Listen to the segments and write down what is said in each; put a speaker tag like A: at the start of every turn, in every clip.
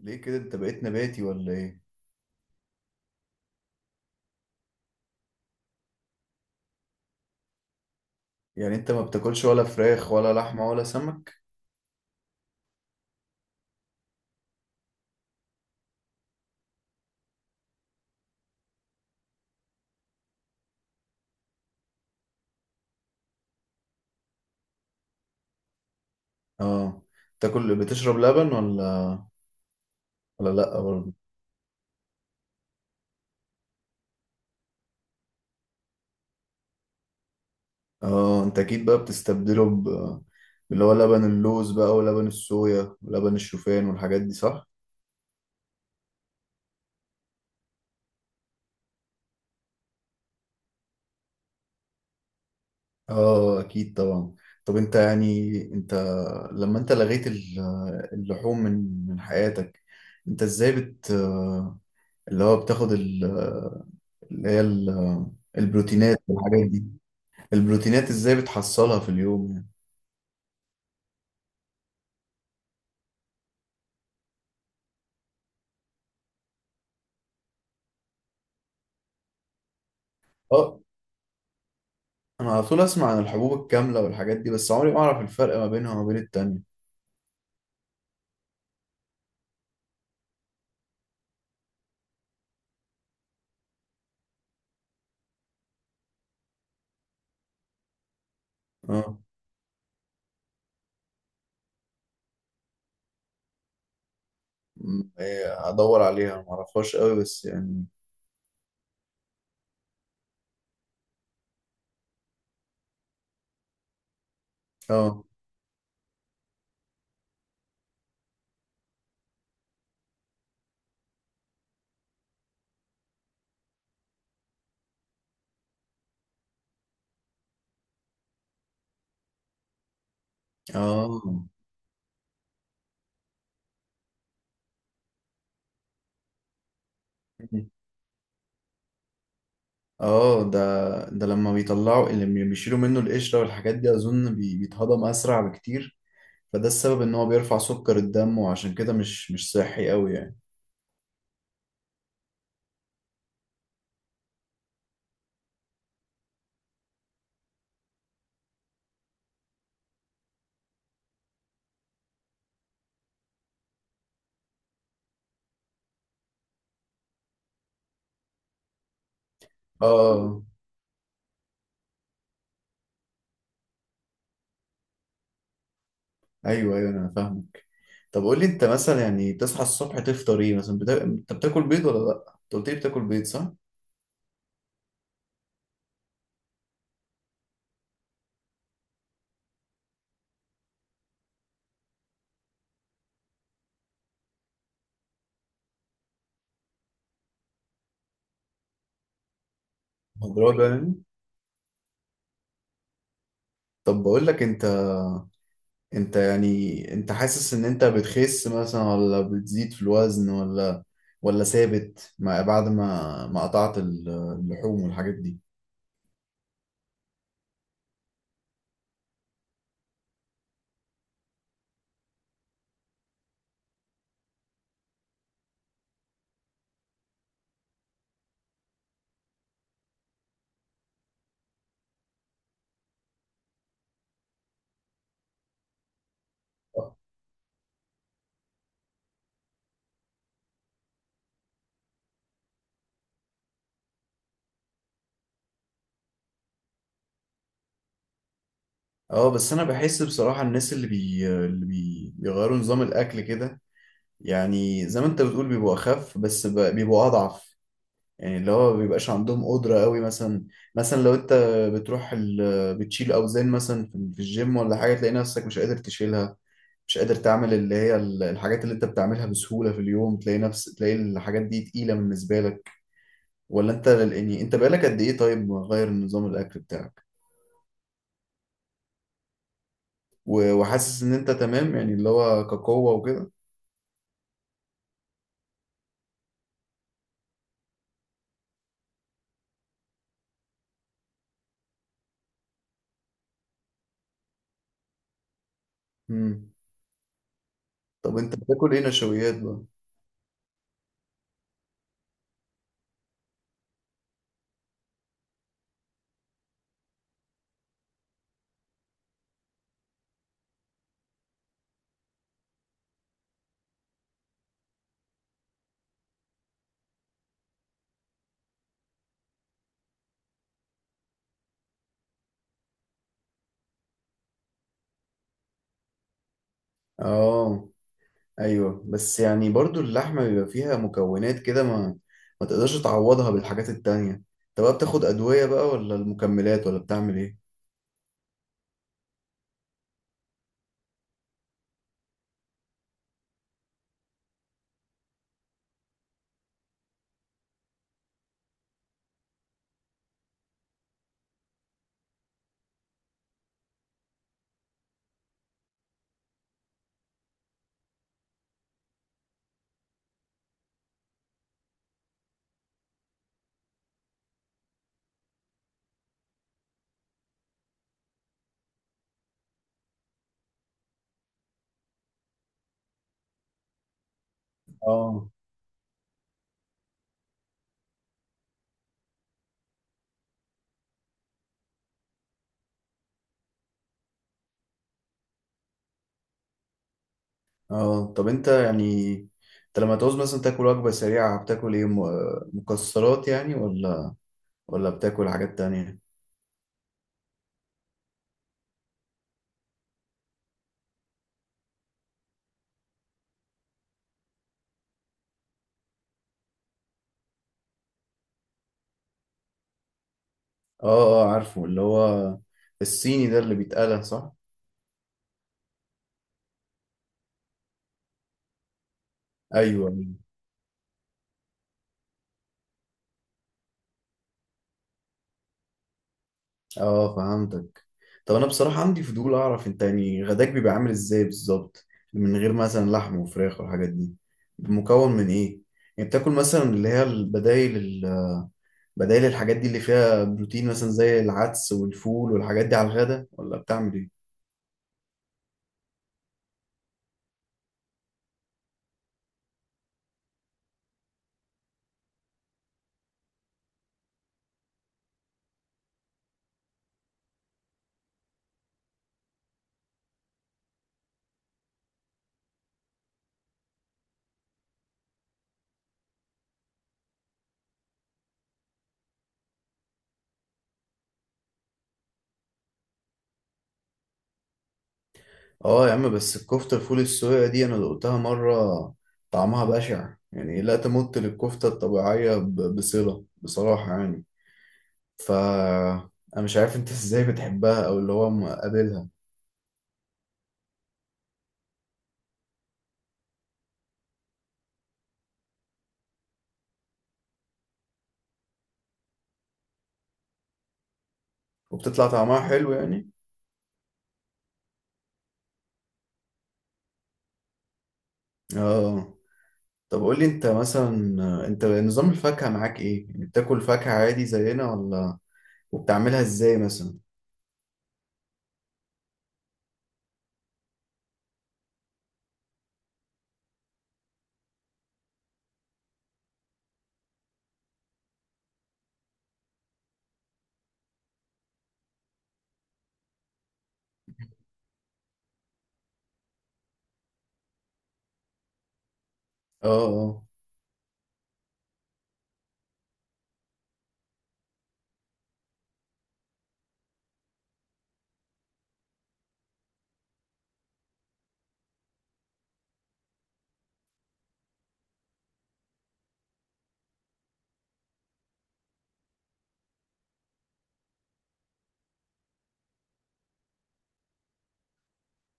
A: ليه كده انت بقيت نباتي ولا ايه؟ يعني انت ما بتاكلش ولا فراخ ولا لحمة ولا سمك؟ اه. بتشرب لبن ولا لا برضه؟ اه، انت اكيد بقى بتستبدله ب اللي هو لبن اللوز بقى، ولبن الصويا، ولبن الشوفان، والحاجات دي، صح؟ اه، اكيد طبعا. طب انت يعني انت لما انت لغيت اللحوم من حياتك، انت ازاي اللي هو بتاخد ال- اللي هي ال- البروتينات والحاجات دي، البروتينات ازاي بتحصلها في اليوم يعني؟ اه. انا على طول اسمع عن الحبوب الكاملة والحاجات دي، بس عمري ما اعرف الفرق ما بينها وما بين التانية. اه، م- إيه، ادور عليها ما اعرفهاش قوي بس يعني. اه، اه، اه. ده لما بيشيلوا منه القشرة والحاجات دي اظن بيتهضم اسرع بكتير، فده السبب ان هو بيرفع سكر الدم، وعشان كده مش صحي قوي يعني. اه، آه، ايوه ايوه انا فاهمك. طب قول لي انت مثلا، يعني تصحى الصبح تفطر ايه مثلا، انت بتاكل بيض ولا لا، انت قلت لي بتاكل بيض صح؟ مضروب يعني؟ طب بقول لك انت يعني انت حاسس ان انت بتخس مثلا ولا بتزيد في الوزن، ولا ثابت، مع بعد ما قطعت اللحوم والحاجات دي؟ اه، بس انا بحس بصراحة، الناس اللي بيغيروا نظام الاكل كده، يعني زي ما انت بتقول بيبقوا اخف بس بيبقوا اضعف، يعني اللي هو ما بيبقاش عندهم قدرة قوي مثلا. مثلا لو انت بتروح ال... بتشيل اوزان مثلا في الجيم ولا حاجة، تلاقي نفسك مش قادر تشيلها، مش قادر تعمل الحاجات اللي انت بتعملها بسهولة في اليوم، تلاقي الحاجات دي تقيلة بالنسبة لك؟ ولا انت يعني انت بقالك قد ايه طيب مغير نظام الاكل بتاعك؟ وحاسس ان انت تمام يعني اللي هو كقوة وكده؟ مم. طب انت بتاكل ايه نشويات بقى؟ اه، ايوه، بس يعني برضو اللحمه بيبقى فيها مكونات كده، ما تقدرش تعوضها بالحاجات التانية، انت بقى بتاخد ادويه بقى، ولا المكملات، ولا بتعمل ايه؟ اه، اه. طب انت يعني انت لما تعوز مثلا تاكل وجبه سريعه بتاكل ايه، مكسرات يعني، ولا بتاكل حاجات تانية؟ اه، اه، عارفه، اللي هو الصيني ده اللي بيتقلى صح؟ ايوه. اه، فهمتك. طب انا بصراحة عندي فضول اعرف، انت يعني غداك بيبقى عامل ازاي بالظبط، من غير مثلا لحم وفراخ والحاجات دي، مكون من ايه؟ يعني بتاكل مثلا اللي هي بدايل الحاجات دي اللي فيها بروتين مثلا زي العدس والفول والحاجات دي على الغدا، ولا بتعمل ايه؟ اه يا عم، بس الكفتة الفول السويا دي انا دقتها مرة، طعمها بشع يعني، لا تمت للكفتة الطبيعية بصلة بصراحة يعني. ف انا مش عارف انت ازاي بتحبها او اللي هو مقابلها. وبتطلع طعمها حلو يعني؟ اه. طب قول لي انت مثلا، انت نظام الفاكهة معاك ايه يعني، بتاكل فاكهة عادي زينا ولا؟ وبتعملها ازاي مثلا؟ اه، اه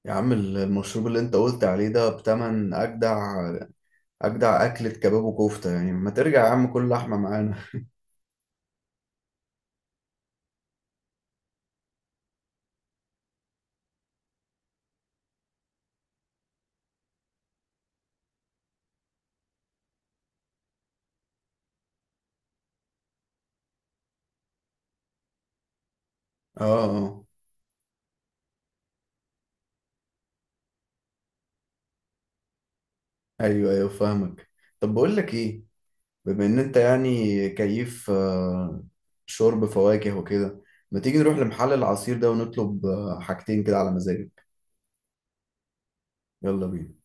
A: يا عم، المشروب اللي انت قلت عليه ده بتمن اجدع اجدع اكلة كباب وكفتة يعني، ما ترجع يا عم كل لحمة معانا. اه، اه، ايوه ايوه فاهمك. طب بقول لك ايه، بما ان انت يعني كيف، شرب فواكه وكده، ما تيجي نروح لمحل العصير ده ونطلب حاجتين كده على مزاجك؟ يلا بينا.